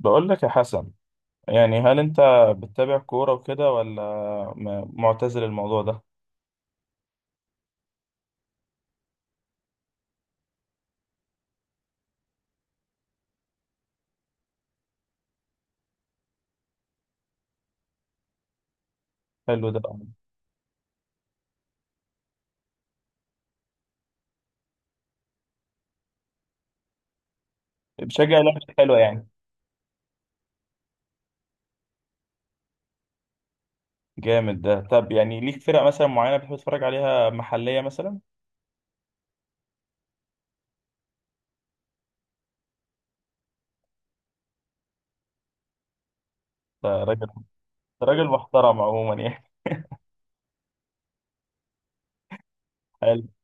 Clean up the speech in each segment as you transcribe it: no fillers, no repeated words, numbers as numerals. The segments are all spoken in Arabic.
بقول لك يا حسن، يعني هل انت بتتابع كورة وكده، ولا معتزل الموضوع ده؟ حلو ده. بتشجع لعبة حلوة يعني. جامد ده. طب يعني ليك فرق مثلا معينة بتحب تتفرج عليها، محلية مثلا؟ ده راجل، ده راجل محترم عموما يعني.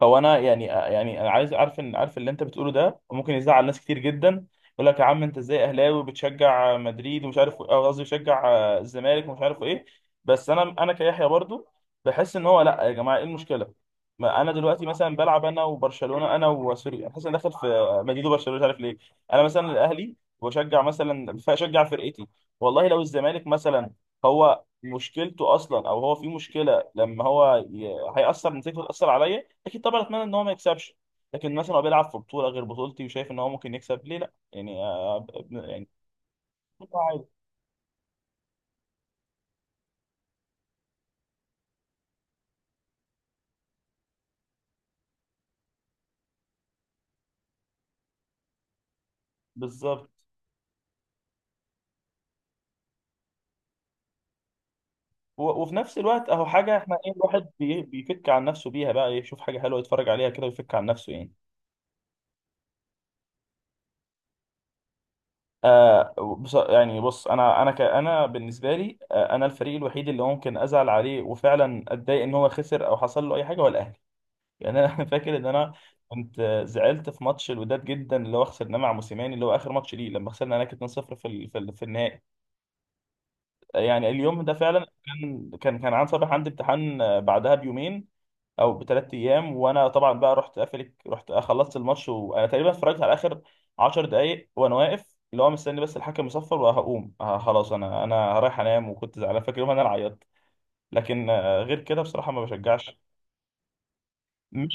فهو انا يعني، يعني انا عايز عارف، ان عارف اللي انت بتقوله ده ممكن يزعل ناس كتير جدا. يقول لك يا عم انت ازاي اهلاوي بتشجع مدريد ومش عارف، أو قصدي بتشجع الزمالك ومش عارف ايه. بس انا كيحيى برضو بحس ان هو لا يا جماعه ايه المشكله؟ ما انا دلوقتي مثلا بلعب انا وبرشلونه، انا وسوري، انا حاسس اني داخل في مدريد وبرشلونه مش عارف ليه. انا مثلا الاهلي، واشجع مثلا، فاشجع فرقتي. والله لو الزمالك مثلا هو مشكلته اصلا، او هو في مشكله لما هو هيأثر نتيجته، تأثر عليا اكيد طبعا، اتمنى ان هو ما يكسبش. لكن مثلا هو بيلعب في بطوله غير بطولتي، وشايف ان هو ممكن يكسب، ليه لا؟ يعني يعني عادي. بالظبط وفي نفس الوقت اهو حاجه احنا ايه، الواحد بيفك عن نفسه بيها بقى، يشوف حاجه حلوه يتفرج عليها كده ويفك عن نفسه يعني. آه بص، يعني بص، انا بالنسبه لي آه، انا الفريق الوحيد اللي ممكن ازعل عليه وفعلا اتضايق ان هو خسر او حصل له اي حاجه هو الاهلي. يعني انا فاكر ان انا كنت زعلت في ماتش الوداد جدا، اللي هو خسرناه مع موسيماني، اللي هو اخر ماتش ليه، لما خسرنا هناك 2-0 في النهائي. يعني اليوم ده فعلا كان عن صباح عندي امتحان بعدها بيومين او بثلاث ايام، وانا طبعا بقى رحت قافل، رحت خلصت الماتش وانا تقريبا اتفرجت على اخر 10 دقائق وانا واقف اللي هو مستني بس الحكم يصفر، وهقوم آه خلاص، انا رايح انام. وكنت زعلان، فاكر يوم انا اللي عيطت. لكن غير كده بصراحه ما بشجعش. مش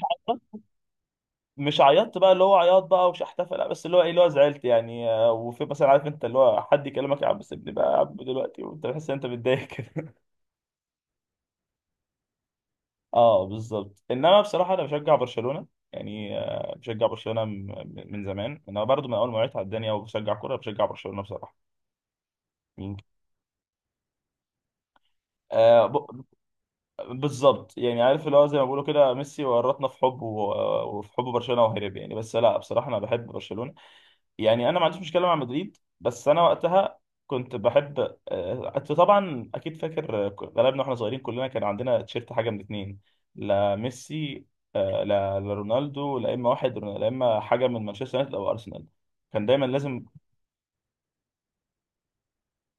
مش عيطت بقى اللي هو عياط بقى، ومش هحتفل لا، بس اللي هو ايه اللي هو زعلت يعني وفي مثلا عارف انت اللي هو حد يكلمك، يا عم سيبني بقى يا عم دلوقتي، وانت بتحس ان انت متضايق كده. اه بالظبط، انما بصراحه انا بشجع برشلونه. يعني بشجع برشلونه من زمان، انا برضو من اول ما وعيت على الدنيا وبشجع كوره، بشجع برشلونه بصراحه. مم. آه ب... بالظبط. يعني عارف اللي هو زي ما بيقولوا كده، ميسي ورطنا في حبه وفي حب برشلونه وهرب يعني. بس لا بصراحه انا بحب برشلونه. يعني انا ما عنديش مشكله مع مدريد، بس انا وقتها كنت بحب. انت طبعا اكيد فاكر، غلبنا واحنا صغيرين كلنا كان عندنا تيشيرت حاجه من اتنين، لا ميسي، لا رونالدو، لا اما حاجه من مانشستر يونايتد او ارسنال، كان دايما لازم.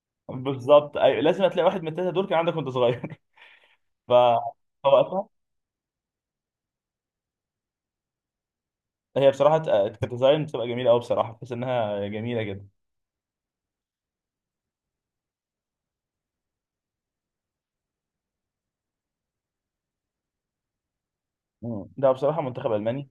بالظبط أيوة، لازم هتلاقي واحد من الثلاثه دول كان عندك وانت صغير. فوقتها هي بصراحه كانت ديزاين بتبقى جميله قوي بصراحه، بحس انها جميله جدا. مم. ده بصراحه منتخب الماني.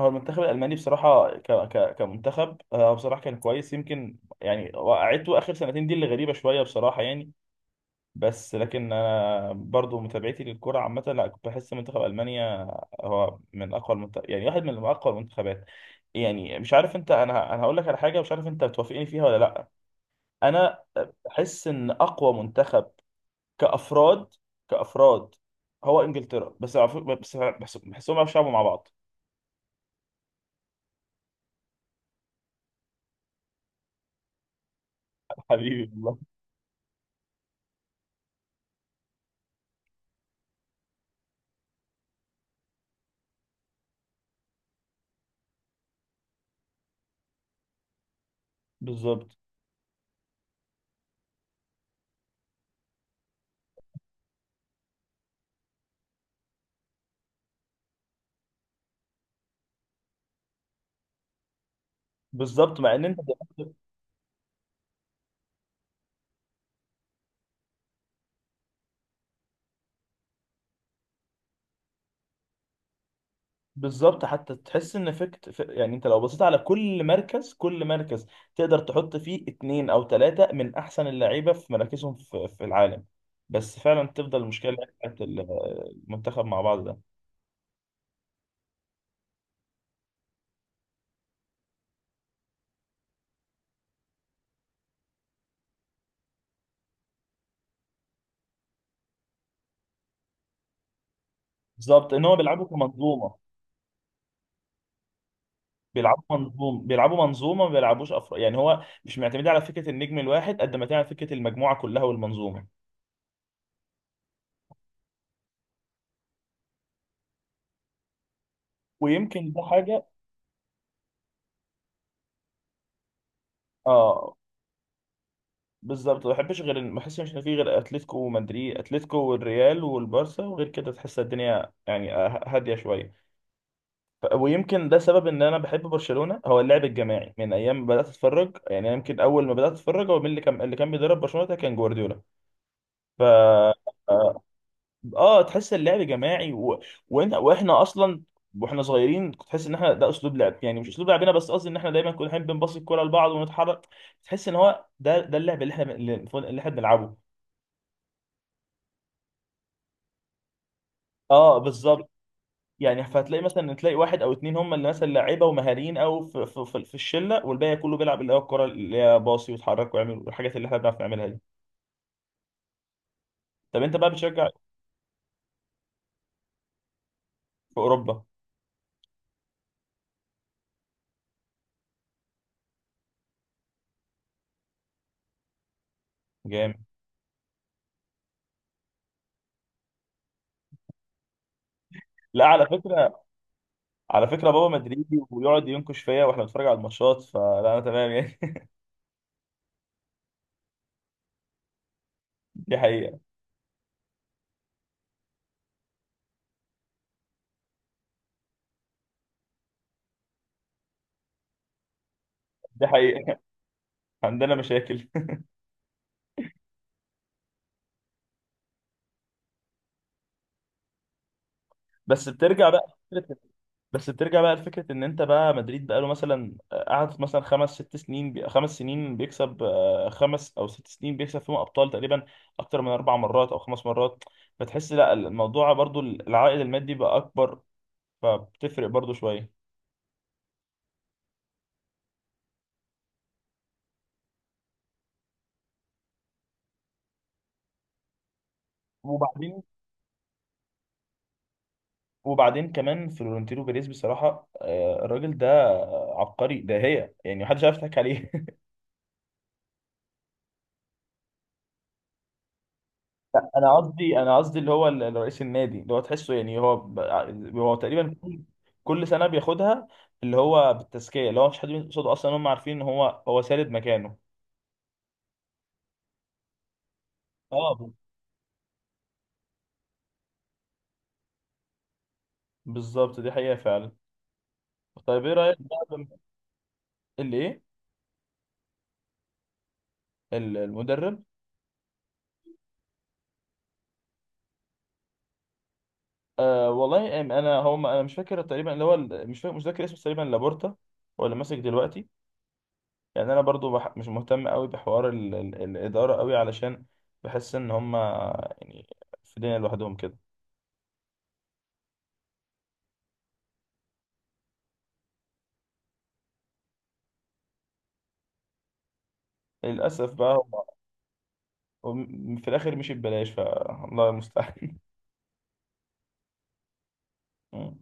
هو المنتخب الألماني بصراحة كمنتخب، بصراحة كان كويس، يمكن يعني وقعته آخر سنتين دي اللي غريبة شوية بصراحة يعني. بس لكن أنا برضو متابعتي للكرة عامة، لا كنت بحس منتخب ألمانيا هو من أقوى المنتخب، يعني واحد من أقوى المنتخبات. يعني مش عارف أنت، أنا هقول لك على حاجة مش عارف أنت بتوافقني فيها ولا لأ. أنا بحس إن أقوى منتخب كأفراد، كأفراد، هو إنجلترا، بس بس بحسهم بيعرفوا يلعبوا مع بعض. حبيبي والله. بالظبط. بالظبط مع ان انت بالظبط. حتى تحس ان فكت يعني انت لو بصيت على كل مركز، كل مركز تقدر تحط فيه اتنين او تلاتة من احسن اللعيبه في مراكزهم في العالم. بس فعلا تفضل المشكله اللي هي المنتخب مع بعض ده. بالظبط، ان هو بيلعبوا كمنظومه. بيلعبوا منظومه، ما بيلعبوش افراد يعني، هو مش معتمدين على فكره النجم الواحد قد ما تعمل فكره المجموعه كلها والمنظومه. ويمكن ده حاجه. اه بالظبط، ما بحبش غير ما بحسش ان في غير اتلتيكو ومدريد، اتلتيكو والريال والبارسا، وغير كده تحس الدنيا يعني هاديه شويه. ويمكن ده سبب ان انا بحب برشلونه، هو اللعب الجماعي من ايام ما بدات اتفرج. يعني أنا يمكن اول ما بدات اتفرج، هو مين اللي كان بيدرب برشلونه ده؟ كان جوارديولا. ف اه آه، تحس اللعب جماعي واحنا اصلا واحنا صغيرين، كنت تحس ان احنا ده اسلوب لعب، يعني مش اسلوب لعبنا، بس قصدي ان احنا دايما كنا بنبص الكوره لبعض ونتحرك. تحس ان هو ده اللعب اللي احنا بنلعبه. اه بالظبط. يعني فتلاقي مثلا، تلاقي واحد او اتنين هم اللي مثلا لعيبه ومهاريين او في الشله، والباقي كله بيلعب اللي هو الكره اللي هي باصي ويتحرك ويعمل الحاجات اللي احنا بنعرف نعملها دي. طب انت بقى بتشجع في اوروبا. جامد. لا على فكره، على فكره بابا مدريدي ويقعد ينكش فيا واحنا بنتفرج على الماتشات، فلا انا تمام يعني. دي حقيقه. دي حقيقه. عندنا مشاكل. بس بترجع بقى، بس بترجع بقى لفكرة إن أنت بقى مدريد بقى له مثلا، قعد مثلا خمس ست سنين خمس سنين بيكسب، خمس أو ست سنين بيكسب فيهم أبطال تقريبا، أكتر من أربع مرات أو خمس مرات. فتحس لا الموضوع برضو العائد المادي بقى أكبر، فبتفرق برضو شوية. وبعدين، وبعدين كمان فلورنتينو بيريز بصراحة، الراجل ده عبقري، ده هي يعني محدش عارف يضحك عليه. انا قصدي، انا قصدي اللي هو رئيس النادي، اللي هو تحسه يعني هو هو تقريبا كل سنه بياخدها، اللي هو بالتزكيه، اللي هو مش حد بيمسك قصاده اصلا، هم عارفين ان هو سارد مكانه. اه ب- بالظبط، دي حقيقه فعلا. طيب ايه رايك بقى اللي ايه؟ المدرب. انا هو انا مش فاكر تقريبا، اللي هو مش فاكر، مش فاكر اسمه، تقريبا لابورتا هو اللي ماسك دلوقتي. يعني انا برضو مش مهتم قوي بحوار الاداره قوي، علشان بحس ان هم يعني في دنيا لوحدهم كده. للأسف بقى هو في الآخر مشي ببلاش، فالله المستعان. مم.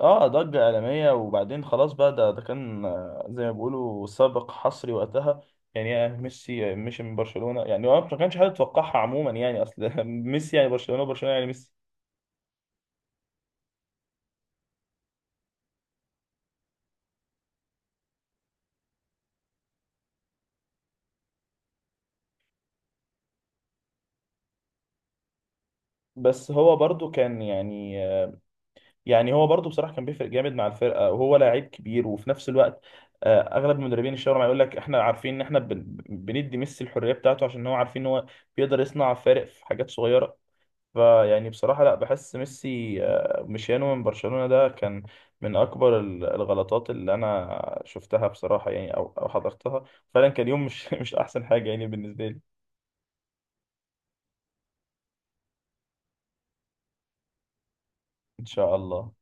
اه ضجة عالمية، وبعدين خلاص بقى، ده كان زي ما بيقولوا سابق حصري وقتها. يعني يا ميسي مشي من برشلونة، يعني هو ما كانش حد يتوقعها عموما، يعني أصل ميسي يعني برشلونة، وبرشلونة يعني ميسي. بس هو برضو كان يعني، يعني هو برضه بصراحه كان بيفرق جامد مع الفرقه، وهو لعيب كبير، وفي نفس الوقت اغلب المدربين الشاورما معاه، يقول لك احنا عارفين ان احنا بندي ميسي الحريه بتاعته، عشان هو عارفين ان هو بيقدر يصنع فارق في حاجات صغيره. فيعني بصراحه لا، بحس ميسي مشيانه من برشلونه ده كان من اكبر الغلطات اللي انا شفتها بصراحه يعني، او او حضرتها. فعلا كان يوم مش مش احسن حاجه يعني بالنسبه لي. ان شاء الله.